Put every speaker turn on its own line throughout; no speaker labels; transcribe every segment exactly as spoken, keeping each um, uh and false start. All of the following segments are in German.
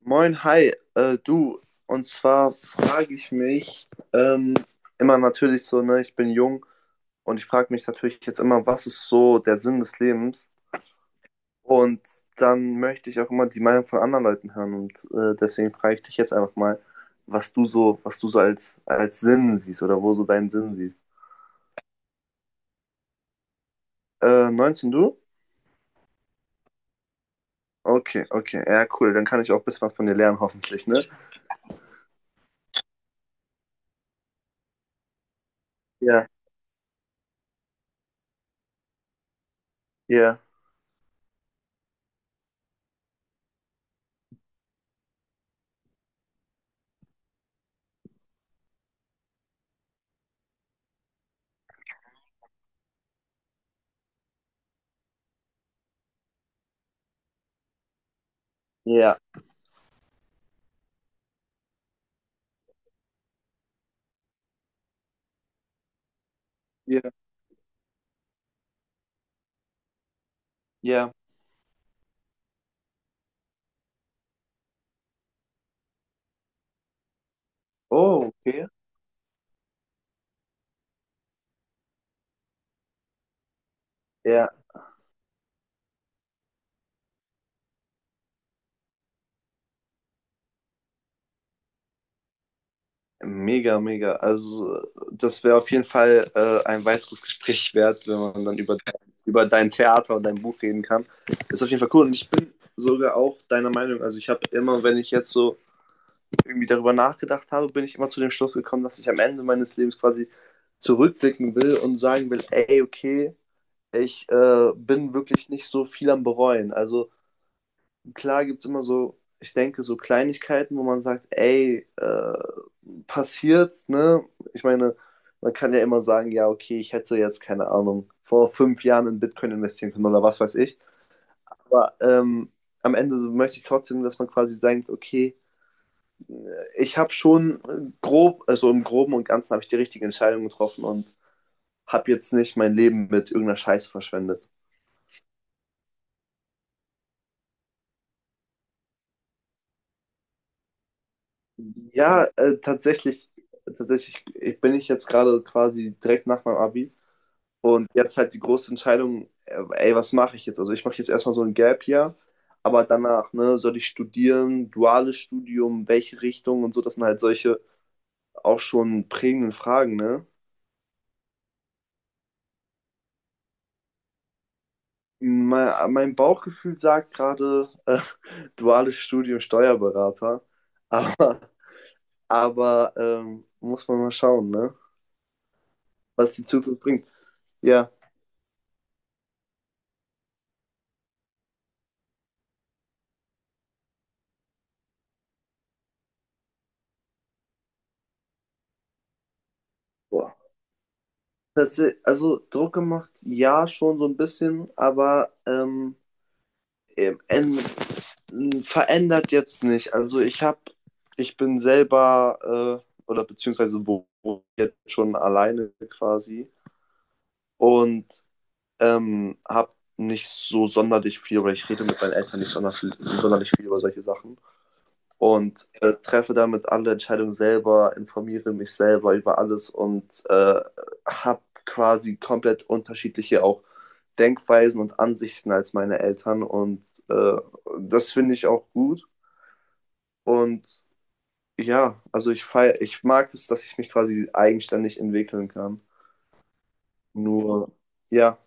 Moin, hi, äh, du. Und zwar frage ich mich ähm, immer natürlich so, ne, ich bin jung und ich frage mich natürlich jetzt immer, was ist so der Sinn des Lebens? Und dann möchte ich auch immer die Meinung von anderen Leuten hören und äh, deswegen frage ich dich jetzt einfach mal, was du so, was du so als, als Sinn siehst oder wo so deinen Sinn siehst. Äh, neunzehn du? Okay, okay, ja, cool. Dann kann ich auch ein bisschen was von dir lernen, hoffentlich, ne? Ja, ja, ja, ja, ja. Oh, okay. Ja. Mega, mega. Also, das wäre auf jeden Fall äh, ein weiteres Gespräch wert, wenn man dann über, über dein Theater und dein Buch reden kann. Ist auf jeden Fall cool. Und ich bin sogar auch deiner Meinung. Also, ich habe immer, wenn ich jetzt so irgendwie darüber nachgedacht habe, bin ich immer zu dem Schluss gekommen, dass ich am Ende meines Lebens quasi zurückblicken will und sagen will: Ey, okay, ich äh, bin wirklich nicht so viel am Bereuen. Also, klar gibt es immer so, ich denke, so Kleinigkeiten, wo man sagt, ey, äh, passiert, ne? Ich meine, man kann ja immer sagen, ja, okay, ich hätte jetzt, keine Ahnung, vor fünf Jahren in Bitcoin investieren können oder was weiß ich. Aber ähm, am Ende so möchte ich trotzdem, dass man quasi denkt, okay, ich habe schon grob, also im Groben und Ganzen habe ich die richtige Entscheidung getroffen und habe jetzt nicht mein Leben mit irgendeiner Scheiße verschwendet. Ja, äh, tatsächlich, tatsächlich ich- bin ich jetzt gerade quasi direkt nach meinem Abi und jetzt halt die große Entscheidung, äh, ey, was mache ich jetzt? Also ich mache jetzt erstmal so ein Gap Year, aber danach, ne, soll ich studieren, duales Studium, welche Richtung und so, das sind halt solche auch schon prägenden Fragen, ne? Mein, mein Bauchgefühl sagt gerade äh, duales Studium Steuerberater, aber, aber ähm, muss man mal schauen, ne? Was die Zukunft bringt. Ja. Tats- Also Druck gemacht, ja, schon so ein bisschen, aber ähm, ähm, en- m, verändert jetzt nicht. Also ich habe, ich bin selber äh, oder beziehungsweise wo, wo jetzt schon alleine quasi und ähm, habe nicht so sonderlich viel oder ich rede mit meinen Eltern nicht sonderlich, sonderlich viel über solche Sachen und äh, treffe damit alle Entscheidungen selber, informiere mich selber über alles und äh, habe quasi komplett unterschiedliche auch Denkweisen und Ansichten als meine Eltern und äh, das finde ich auch gut und ja, also ich feier, ich mag es, dass ich mich quasi eigenständig entwickeln kann. Nur, ja,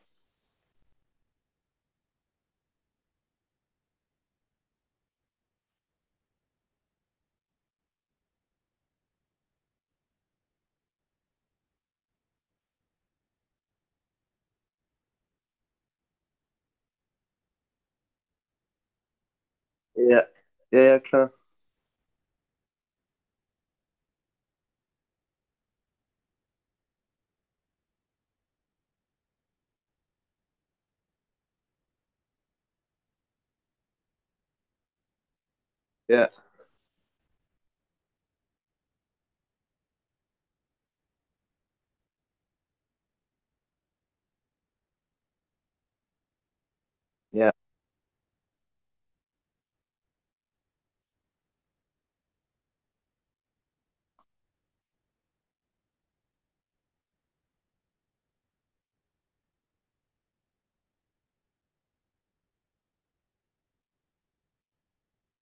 ja, ja, ja, klar, ja, ja,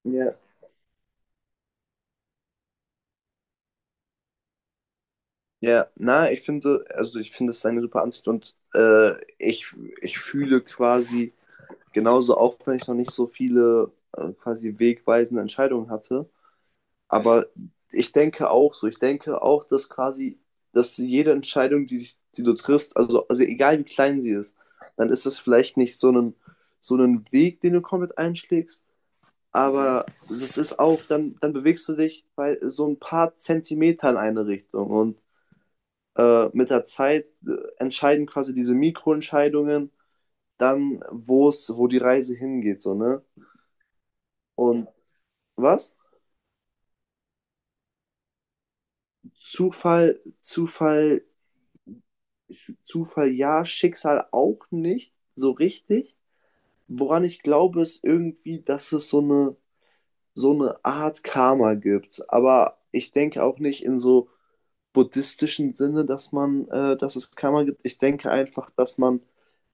ja, ja. Na, ich finde, also ich finde es eine super Ansicht und äh, ich, ich fühle quasi genauso, auch wenn ich noch nicht so viele äh, quasi wegweisende Entscheidungen hatte. Aber ich denke auch so, ich denke auch, dass quasi, dass jede Entscheidung, die, dich- die du triffst, also, also egal wie klein sie ist, dann ist das vielleicht nicht so ein, so ein Weg, den du komplett einschlägst, aber es ist auch, dann, dann bewegst du dich bei so ein paar Zentimeter in eine Richtung und äh, mit der Zeit äh, entscheiden quasi diese Mikroentscheidungen dann, wo es, wo die Reise hingeht, so, ne? Und was? Zufall, Zufall Zufall ja, Schicksal auch nicht so richtig. Woran ich glaube, ist irgendwie, dass es so eine, so eine Art Karma gibt. Aber ich denke auch nicht in so buddhistischen Sinne, dass man, äh, dass es Karma gibt. Ich denke einfach, dass man,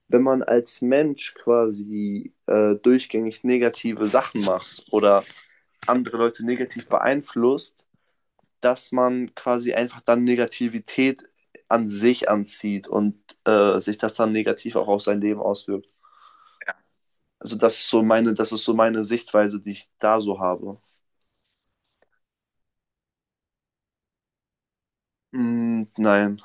wenn man als Mensch quasi äh, durchgängig negative Sachen macht oder andere Leute negativ beeinflusst, dass man quasi einfach dann Negativität an sich anzieht und äh, sich das dann negativ auch auf sein Leben auswirkt. Also das ist so meine, das ist so meine Sichtweise, die ich da so habe. Mm, nein.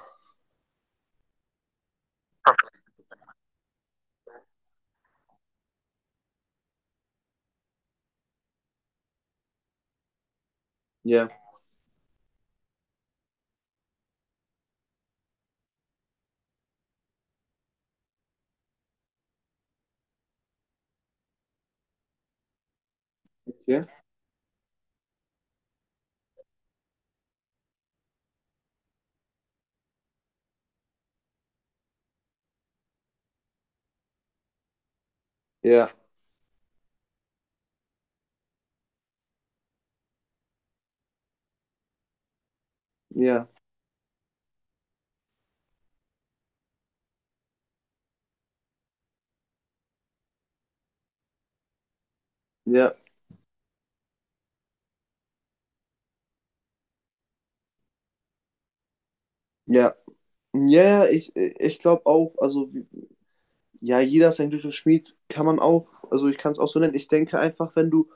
Ja, okay. Ja, ja, ja, ja. Ja, ja, ich, ich glaube auch, also ja, jeder ist ein glücklicher Schmied, kann man auch, also ich kann es auch so nennen. Ich denke einfach, wenn du,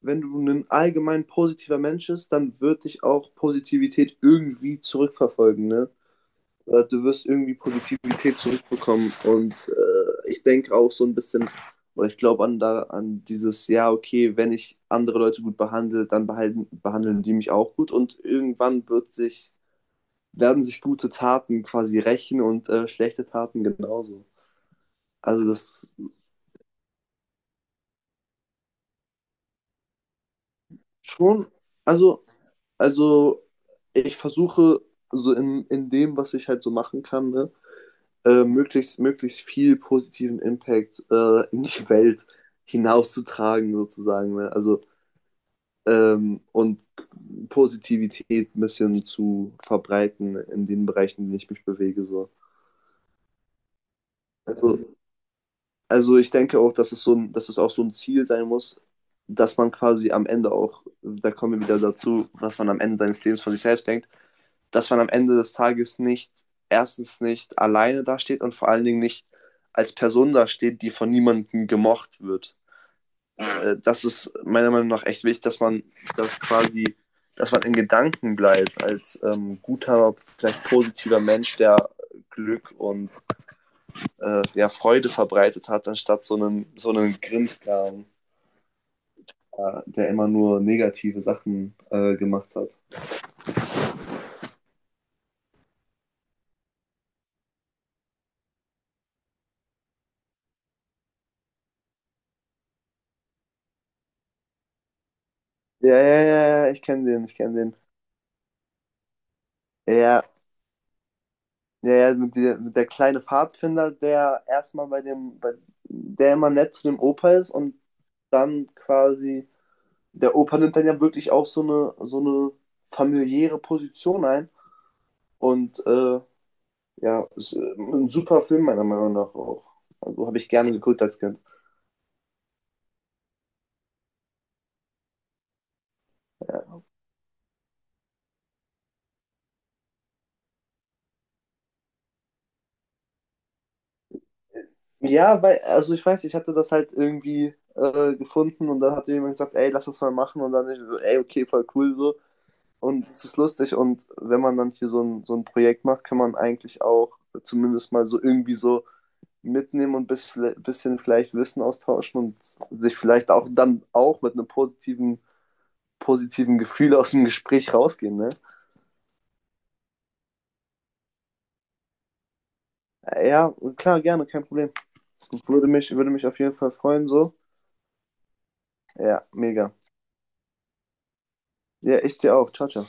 wenn du ein allgemein positiver Mensch bist, dann wird dich auch Positivität irgendwie zurückverfolgen, ne? Äh, du wirst irgendwie Positivität zurückbekommen. Und äh, ich denke auch so ein bisschen, oder ich glaube an, da, an dieses, ja, okay, wenn ich andere Leute gut behandle, dann behalten, behandeln die mich auch gut. Und irgendwann wird sich, werden sich gute Taten quasi rächen und äh, schlechte Taten genauso. Also das schon, also, also ich versuche so in, in dem, was ich halt so machen kann, ne, äh, möglichst, möglichst viel positiven Impact äh, in die Welt hinauszutragen, sozusagen. Ne? Also, ähm, und Positivität ein bisschen zu verbreiten in den Bereichen, in denen ich mich bewege. So. Also, also ich denke auch, dass es, so ein, dass es auch so ein Ziel sein muss, dass man quasi am Ende auch, da kommen wir wieder dazu, was man am Ende seines Lebens von sich selbst denkt, dass man am Ende des Tages nicht, erstens nicht alleine dasteht und vor allen Dingen nicht als Person dasteht, die von niemandem gemocht wird. Äh, das ist meiner Meinung nach echt wichtig, dass man das quasi, dass man in Gedanken bleibt als ähm, guter, vielleicht positiver Mensch, der Glück und äh, ja, Freude verbreitet hat, anstatt so einen, so einen Grinskram, äh, der immer nur negative Sachen äh, gemacht hat. Ja, ja, ja, ja, ich kenne den, ich kenne den. Ja, ja, ja, mit der, mit der kleine Pfadfinder, der erstmal bei dem, bei, der immer nett zu dem Opa ist und dann quasi, der Opa nimmt dann ja wirklich auch so eine, so eine familiäre Position ein und äh, ja, ist äh, ein super Film meiner Meinung nach auch. Also habe ich gerne geguckt als Kind. Ja. Ja, weil, also ich weiß, ich hatte das halt irgendwie äh, gefunden und dann hat jemand gesagt, ey, lass das mal machen und dann ich so, ey, okay, voll cool so. Und es ist lustig und wenn man dann hier so ein, so ein Projekt macht, kann man eigentlich auch zumindest mal so irgendwie so mitnehmen und ein bis, bisschen vielleicht Wissen austauschen und sich vielleicht auch dann auch mit einem positiven, positiven Gefühl aus dem Gespräch rausgehen, ne? Ja, klar, gerne, kein Problem. Würde mich, würde mich auf jeden Fall freuen, so. Ja, mega. Ja, ich dir auch. Ciao, ciao.